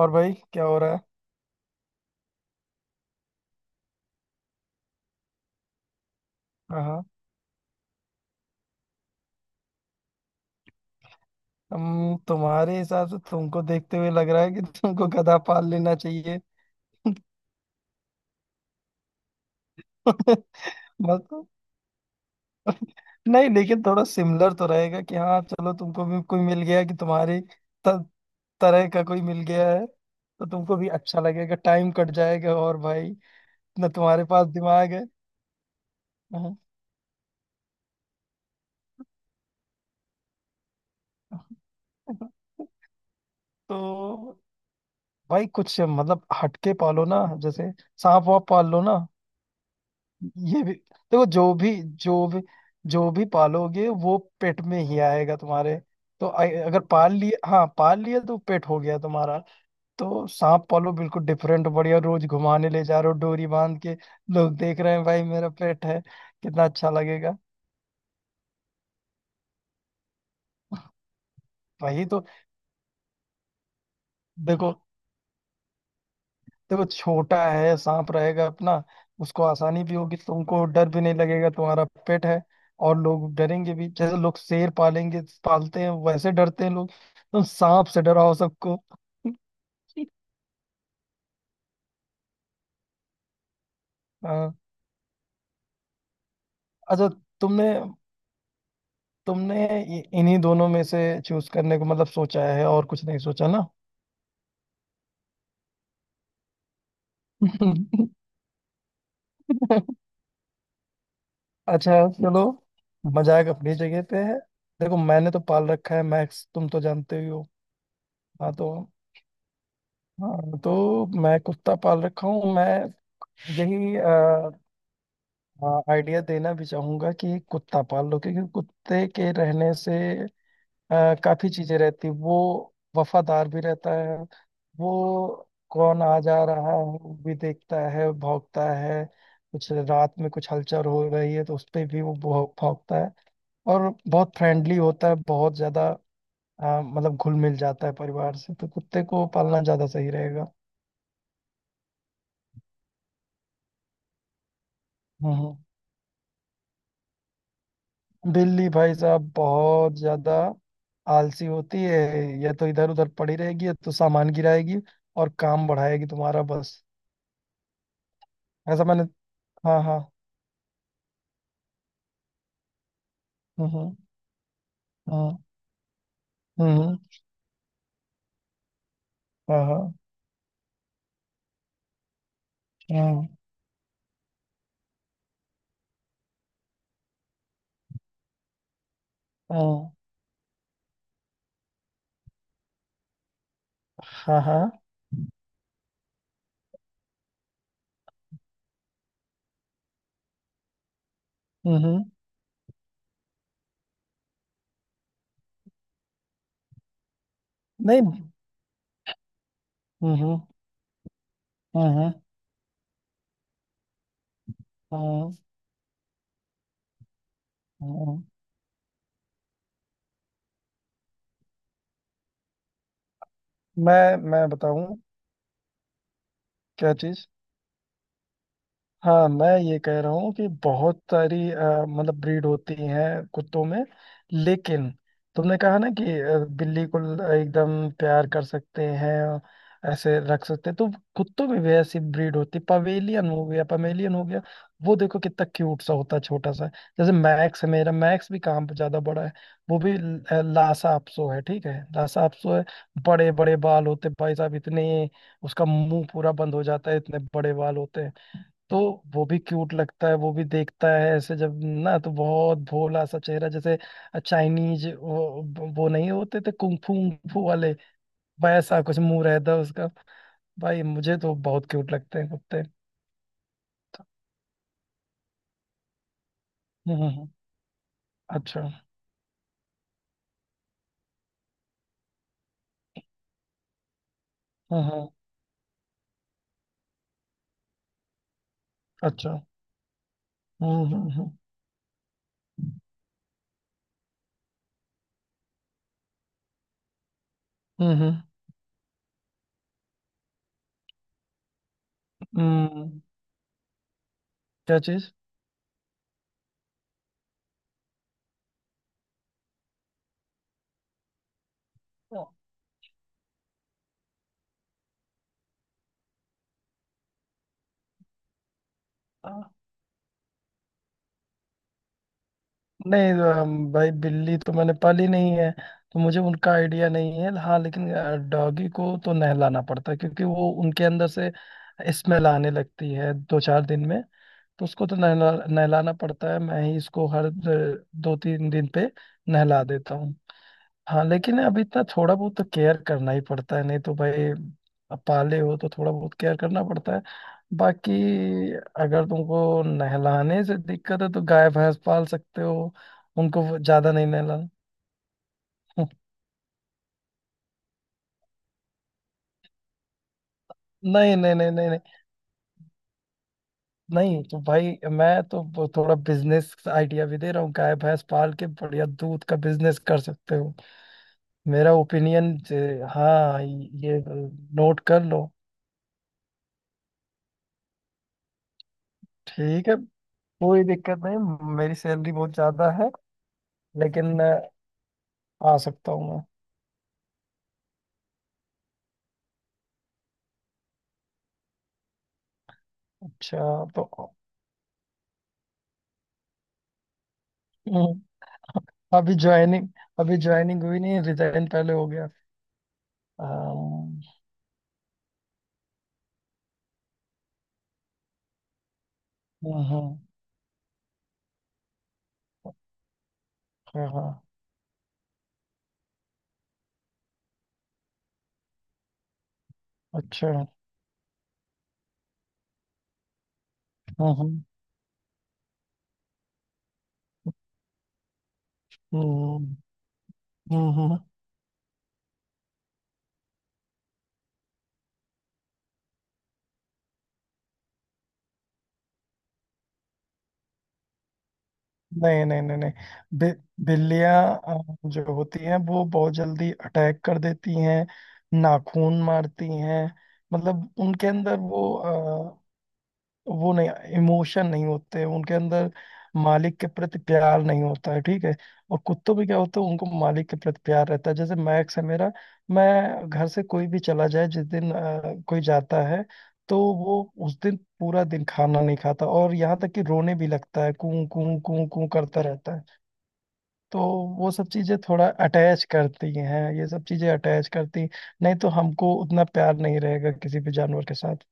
और भाई क्या हो रहा है? हाँ, हाँ। हम तुम्हारे हिसाब से, तुमको देखते हुए लग रहा है कि तुमको गधा पाल लेना चाहिए। मतलब, नहीं लेकिन थोड़ा सिमिलर तो रहेगा कि हाँ चलो, तुमको भी कोई मिल गया, कि तुम्हारी त, तरह का कोई मिल गया है, तो तुमको भी अच्छा लगेगा, टाइम कट जाएगा। और भाई, ना तुम्हारे पास दिमाग है। हाँ। तो भाई कुछ मतलब हटके पालो ना, जैसे सांप वाप पाल लो ना। ये भी देखो, जो भी जो भी पालोगे वो पेट में ही आएगा तुम्हारे। तो अगर पाल लिए, हाँ पाल लिए तो पेट हो गया तुम्हारा। तो सांप पालो, बिल्कुल डिफरेंट, बढ़िया, रोज घुमाने ले जा रहे हो डोरी बांध के। लोग देख रहे हैं भाई, मेरा पेट है। कितना अच्छा लगेगा। वही तो। देखो, देखो छोटा है, सांप रहेगा अपना। उसको आसानी भी होगी, तुमको डर भी नहीं लगेगा, तुम्हारा पेट है। और लोग डरेंगे भी, जैसे लोग शेर पालेंगे, पालते हैं वैसे डरते हैं लोग। तुम सांप से डराओ सबको। हाँ। अच्छा, तुमने तुमने इन्हीं दोनों में से चूज करने को मतलब सोचा है, और कुछ नहीं सोचा ना? अच्छा, चलो, मजाक अपनी जगह पे है। देखो, मैंने तो पाल रखा है मैक्स, तुम तो जानते ही हो। हाँ तो हाँ तो मैं कुत्ता पाल रखा हूँ मैं। यही आइडिया देना भी चाहूंगा कि कुत्ता पाल लो, क्योंकि कुत्ते के रहने से काफी चीजें रहती, वो वफादार भी रहता है। वो कौन आ जा रहा है वो भी देखता है, भौंकता है। कुछ रात में कुछ हलचल हो रही है तो उस पे भी वो भौंकता है। और बहुत फ्रेंडली होता है, बहुत ज्यादा। मतलब घुल मिल जाता है परिवार से, तो कुत्ते को पालना ज्यादा सही रहेगा। हम्म, दिल्ली भाई साहब बहुत ज्यादा आलसी होती है, या तो इधर उधर पड़ी रहेगी, या तो सामान गिराएगी और काम बढ़ाएगी तुम्हारा बस। ऐसा, मैंने। हाँ, हाँ। हम्म, हम्म, हम्म, हम्म। हाँ, हाँ। हम्म, हम्म। हाँ, हाँ। हम्म, हम्म। नहीं, हम्म। हम्म, हम्म, हम्म, हम्म, हम्म। मैं बताऊं? क्या चीज? हाँ, मैं ये कह रहा हूँ कि बहुत सारी मतलब ब्रीड होती हैं कुत्तों में, लेकिन तुमने कहा ना कि बिल्ली को एकदम प्यार कर सकते हैं, ऐसे रख सकते हैं, तो कुत्तों में भी ऐसी ब्रीड होती है, पवेलियन हो गया, पमेलियन हो गया। वो देखो कितना क्यूट सा होता है, छोटा सा। जैसे मैक्स है मेरा, मैक्स भी काम पे ज्यादा बड़ा है। वो भी लासा अपसो है, ठीक है, लासा अपसो है। बड़े बड़े बाल होते हैं भाई साहब, इतने। उसका मुंह पूरा बंद हो जाता है, इतने बड़े बाल होते हैं। तो वो भी क्यूट लगता है, वो भी देखता है ऐसे जब, ना तो बहुत भोला सा चेहरा, जैसे चाइनीज वो नहीं होते थे कुंग फू उंग फू वाले, वैसा कुछ मुंह रहता है उसका। भाई मुझे तो बहुत क्यूट लगते हैं कुत्ते। हम्म, अच्छा। हम्म, हम्म। अच्छा। हम्म, हम्म, हम्म, हम्म, हम्म। क्या चीज? नहीं, भाई बिल्ली तो मैंने पाली नहीं है, तो मुझे उनका आइडिया नहीं है। हाँ लेकिन डॉगी को तो नहलाना पड़ता है, क्योंकि वो उनके अंदर से स्मेल आने लगती है दो चार दिन में, तो उसको तो नहलाना पड़ता है। मैं ही इसको हर दो तीन दिन पे नहला देता हूँ। हाँ लेकिन अब इतना थोड़ा बहुत तो केयर करना ही पड़ता है, नहीं तो भाई, अब पाले हो तो थोड़ा बहुत केयर करना पड़ता है बाकी। अगर तुमको नहलाने से दिक्कत है तो गाय भैंस पाल सकते हो, उनको वो ज्यादा नहीं नहलाना। नहीं, नहीं, नहीं, नहीं, नहीं। नहीं तो भाई मैं तो थोड़ा बिजनेस आइडिया भी दे रहा हूँ, गाय भैंस पाल के बढ़िया दूध का बिजनेस कर सकते हो। मेरा ओपिनियन। हाँ, ये नोट कर लो। ठीक है, कोई दिक्कत नहीं, मेरी सैलरी बहुत ज्यादा है, लेकिन आ सकता हूँ मैं। अच्छा। तो हम्म, अभी ज्वाइनिंग अभी ज्वाइनिंग हुई नहीं, रिजाइन पहले हो गया। अम, हाँ, हाँ, हाँ, हाँ। अच्छा। हाँ, हाँ। हम्म, हम्म, हम्म। नहीं, नहीं, नहीं, नहीं। बि, बिल्लियां जो होती हैं वो बहुत जल्दी अटैक कर देती हैं, नाखून मारती हैं। मतलब उनके अंदर वो नहीं, इमोशन नहीं होते उनके अंदर, मालिक के प्रति प्यार नहीं होता है, ठीक है। और कुत्तों में क्या होता है, उनको मालिक के प्रति प्यार रहता है, जैसे मैक्स है मेरा। मैं घर से कोई भी चला जाए, जिस दिन कोई जाता है, तो वो उस दिन पूरा दिन खाना नहीं खाता, और यहाँ तक कि रोने भी लगता है, कूं कूं कूं कूं करता रहता है। तो वो सब चीजें थोड़ा अटैच करती हैं, ये सब चीजें अटैच करती हैं। नहीं तो हमको उतना प्यार नहीं रहेगा किसी भी जानवर के साथ।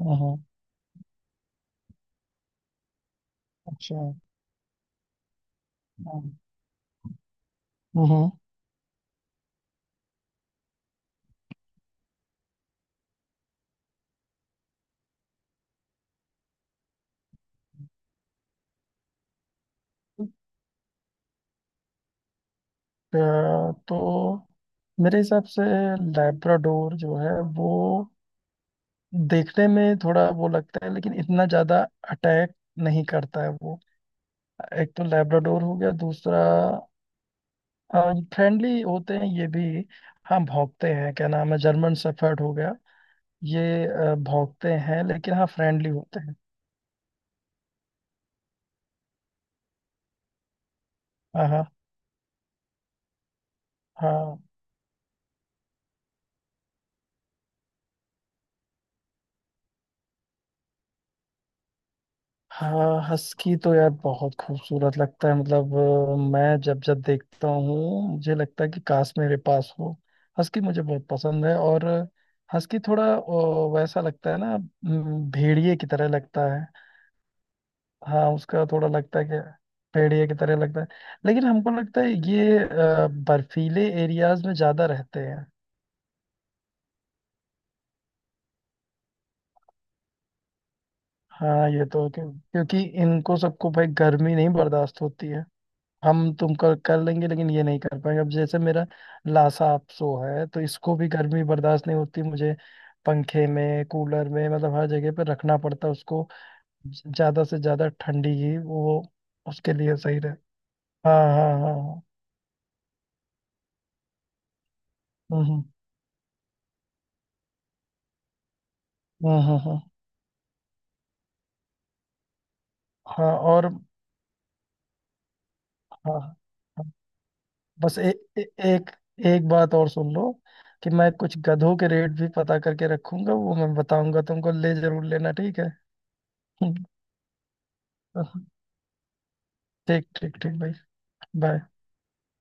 हम्म, हम्म। अच्छा। हम्म, हम्म। अ, तो मेरे हिसाब से, लैब्राडोर जो है वो देखने में थोड़ा वो लगता है, लेकिन इतना ज्यादा अटैक नहीं करता है वो। एक तो लैब्राडोर हो गया, दूसरा फ्रेंडली होते हैं ये भी। हाँ, भौंकते हैं, क्या नाम है, जर्मन शेफर्ड हो गया, ये भौंकते हैं, लेकिन हाँ फ्रेंडली होते हैं। हाँ, हाँ, हाँ, हाँ। हस्की तो यार बहुत खूबसूरत लगता है, मतलब मैं जब जब देखता हूँ मुझे लगता है कि काश मेरे पास हो। हस्की मुझे बहुत पसंद है। और हस्की थोड़ा वैसा लगता है ना, भेड़िए की तरह लगता है। हाँ, उसका थोड़ा लगता है कि भेड़िए की तरह लगता है। लेकिन हमको लगता है ये बर्फीले एरियाज में ज्यादा रहते हैं। हाँ ये तो क्योंकि इनको सबको भाई गर्मी नहीं बर्दाश्त होती है। हम तुम कर लेंगे, लेकिन ये नहीं कर पाएंगे, अब जैसे मेरा लासा अपसो है तो इसको भी गर्मी बर्दाश्त नहीं होती मुझे। पंखे में, कूलर में, मतलब हर जगह पे रखना पड़ता है उसको। ज्यादा से ज्यादा ठंडी ही वो उसके लिए सही रहे। हाँ, हाँ, हाँ, हाँ। हम्म, हम्म, हम्म, हाँ, और हाँ, हाँ। बस ए, ए, एक एक बात और सुन लो, कि मैं कुछ गधों के रेट भी पता करके रखूंगा, वो मैं बताऊंगा तुमको, ले जरूर लेना, ठीक है। हम्म, ठीक, ठीक, ठीक भाई, बाय।